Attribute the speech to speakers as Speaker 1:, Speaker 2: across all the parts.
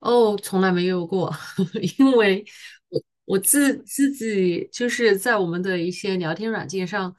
Speaker 1: 哦，从来没有过，因为我自己就是在我们的一些聊天软件上，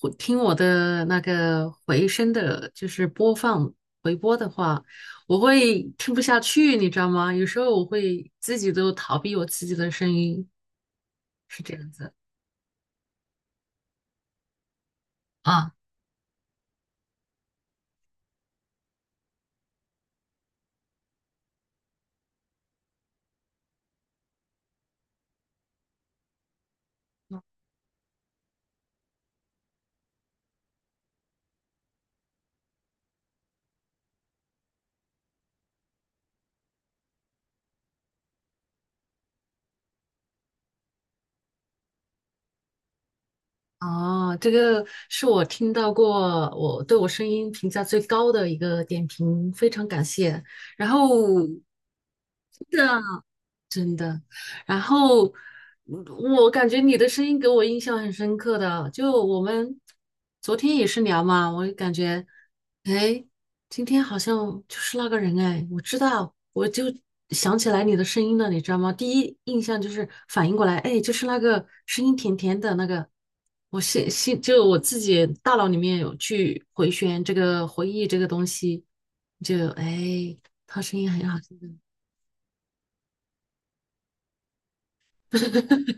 Speaker 1: 会听我的那个回声的，就是播放回播的话，我会听不下去，你知道吗？有时候我会自己都逃避我自己的声音，是这样子啊。哦，这个是我听到过我对我声音评价最高的一个点评，非常感谢。然后。真的，然后嗯我感觉你的声音给我印象很深刻的，就我们昨天也是聊嘛，我感觉，哎，今天好像就是那个人哎，我知道，我就想起来你的声音了，你知道吗？第一印象就是反应过来，哎，就是那个声音甜甜的那个，我心就我自己大脑里面有去回旋这个回忆这个东西，就哎，他声音很好听的。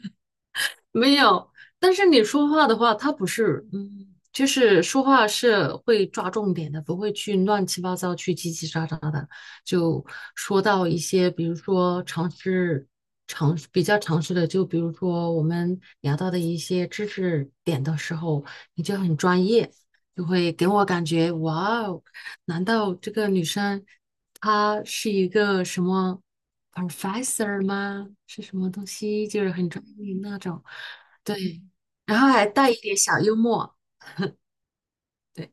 Speaker 1: 没有，但是你说话的话，他不是，嗯，就是说话是会抓重点的，不会去乱七八糟、去叽叽喳喳的，就说到一些，比如说常识、比较常识的，就比如说我们聊到的一些知识点的时候，你就很专业，就会给我感觉，哇哦，难道这个女生？他是一个什么 professor 吗？是什么东西？就是很专业那种，对，然后还带一点小幽默。对，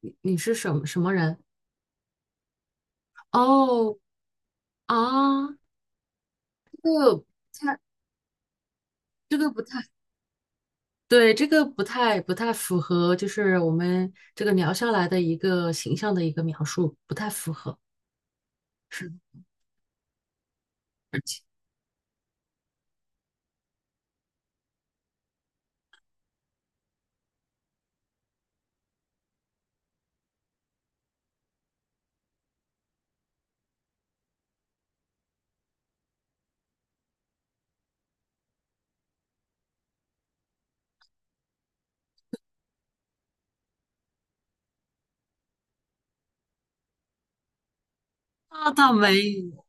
Speaker 1: 你是什么什么人？哦啊，这个不太，这个不太，对，这个不太符合，就是我们这个聊下来的一个形象的一个描述，不太符合。是的，而且啊，倒没。有。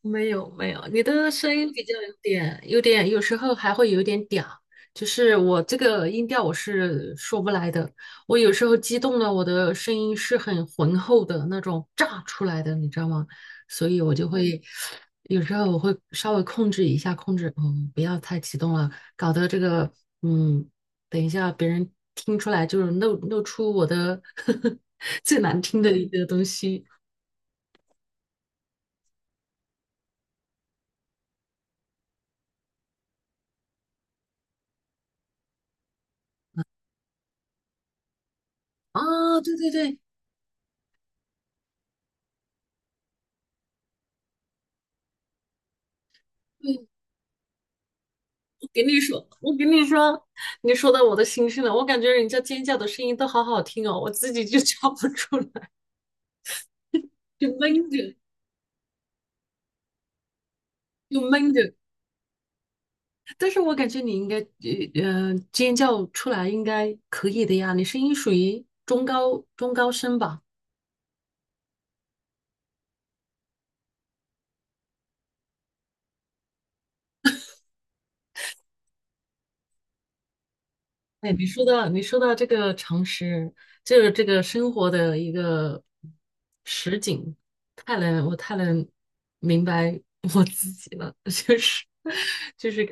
Speaker 1: 没有没有，你的声音比较有点，有时候还会有点嗲，就是我这个音调我是说不来的。我有时候激动了，我的声音是很浑厚的那种炸出来的，你知道吗？所以我就会有时候我会稍微控制一下，控制，嗯，不要太激动了，搞得这个，嗯，等一下别人听出来就是露出我的 最难听的一个东西。啊，对对对。对给你说，我跟你说，你说到我的心声了。我感觉人家尖叫的声音都好好听哦，我自己就 叫不出来，就闷着，就闷着但是我感觉你应该，尖叫出来应该可以的呀。你声音属于中高声吧？哎，你说到这个常识，就是这个生活的一个实景，我太能明白我自己了，就是 就是。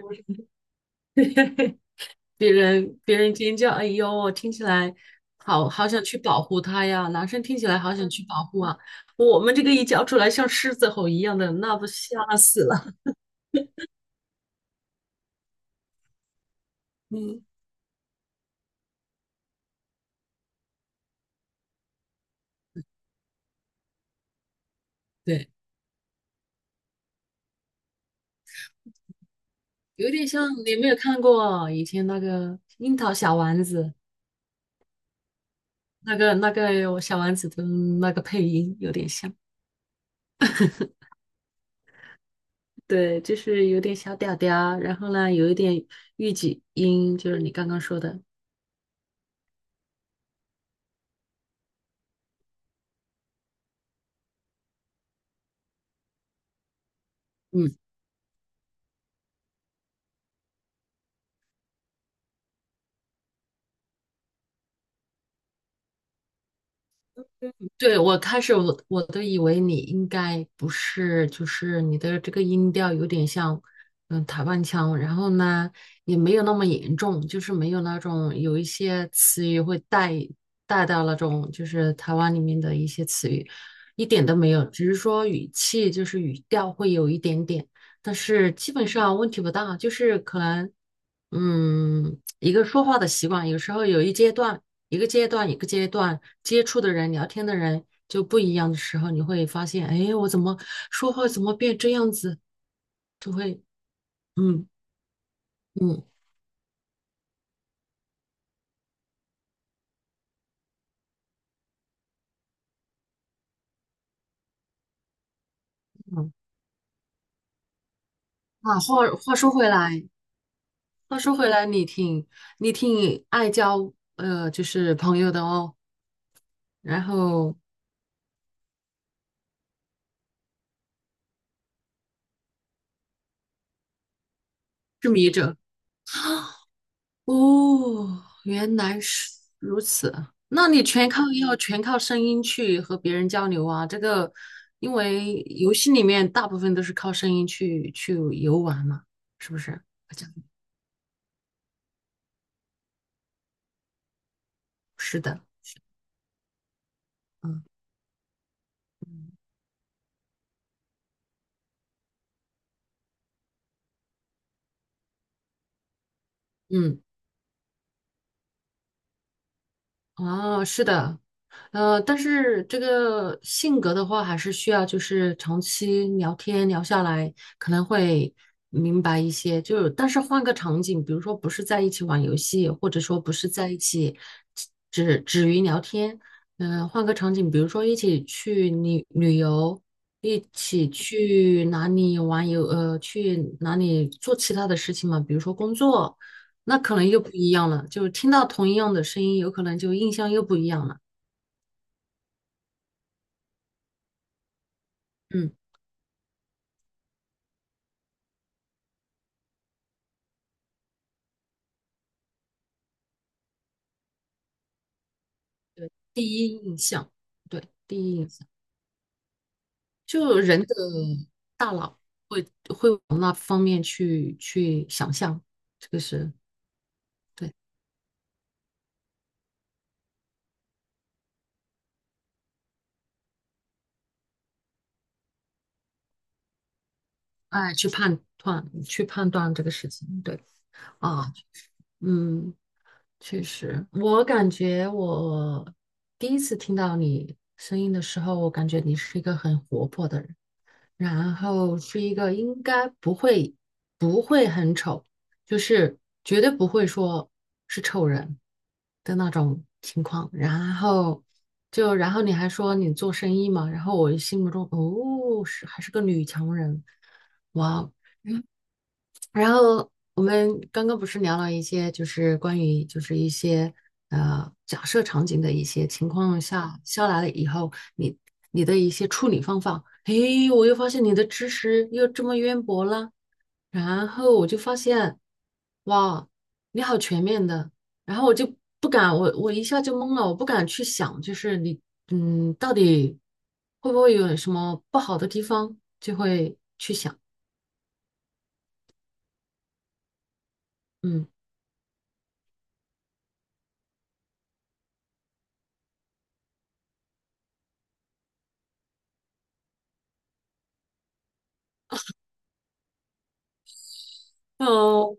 Speaker 1: 别人尖叫，哎呦，听起来好好想去保护他呀！男生听起来好想去保护啊，我们这个一叫出来像狮子吼一样的，那不吓死了。嗯，对，有点像你有没有看过以前那个《樱桃小丸子》那个那个有小丸子的那个配音有点像，对，就是有点小嗲嗲，然后呢有一点御姐音，就是你刚刚说的，嗯。对，我开始我都以为你应该不是，就是你的这个音调有点像，嗯，台湾腔，然后呢也没有那么严重，就是没有那种有一些词语会带到那种就是台湾里面的一些词语，一点都没有，只是说语气就是语调会有一点点，但是基本上问题不大，就是可能一个说话的习惯，有时候有一阶段。一个阶段一个阶段接触的人、聊天的人就不一样的时候，你会发现，哎，我怎么说话怎么变这样子？就会，嗯嗯嗯。啊，话说回来，话说回来，你挺爱交就是朋友的哦，然后痴迷者。哦，原来是如此。那你全靠声音去和别人交流啊？这个，因为游戏里面大部分都是靠声音去游玩嘛，是不是？好像是的，嗯嗯。哦，是的，呃，但是这个性格的话，还是需要就是长期聊天聊下来，可能会明白一些。就但是换个场景，比如说不是在一起玩游戏，或者说不是在一起只止于聊天，嗯、换个场景，比如说一起去旅游，一起去哪里玩游，呃，去哪里做其他的事情嘛，比如说工作。那可能又不一样了，就听到同一样的声音，有可能就印象又不一样了。嗯，第一印象，对，第一印象，就人的大脑会会往那方面去想象，这个是对，哎，去判断这个事情，对啊，嗯，确实，我感觉我第一次听到你声音的时候，我感觉你是一个很活泼的人。然后是一个应该不会很丑，就是绝对不会说是丑人的那种情况。然后就然后你还说你做生意嘛，然后我心目中哦是还是个女强人，哇哦！然后我们刚刚不是聊了一些，就是关于就是一些呃假设场景的一些情况下来了以后，你的一些处理方法，诶，我又发现你的知识又这么渊博了，然后我就发现，哇，你好全面的，然后我就不敢，我一下就懵了，我不敢去想，就是你嗯到底会不会有什么不好的地方，就会嗯。哦。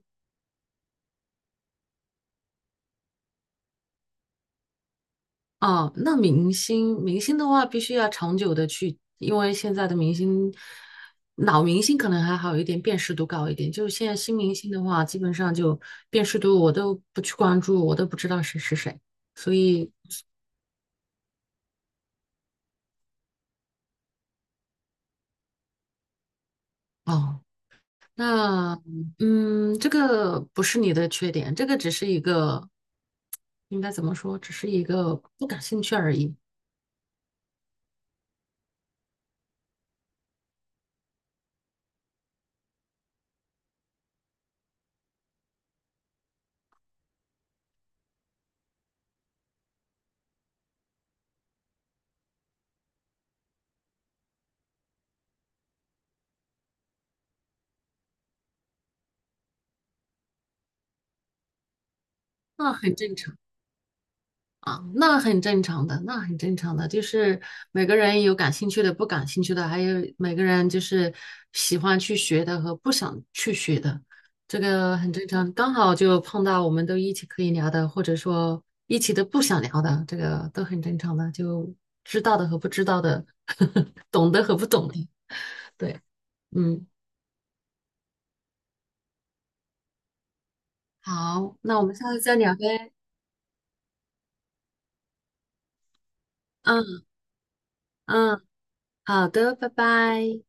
Speaker 1: 哦，那明星的话，必须要长久的去，因为现在的明星，老明星可能还好一点，辨识度高一点。就是现在新明星的话，基本上就辨识度我都不去关注，我都不知道谁是谁。所以，哦，那嗯，这个不是你的缺点，这个只是一个，应该怎么说，只是一个不感兴趣而已。那很正常。啊，那很正常的，那很正常的，就是每个人有感兴趣的，不感兴趣的，还有每个人就是喜欢去学的和不想去学的，这个很正常。刚好就碰到我们都一起可以聊的，或者说一起都不想聊的，这个都很正常的，就知道的和不知道的，懂的和不懂的，对，嗯，好，那我们下次再聊呗，嗯嗯，好的，拜拜。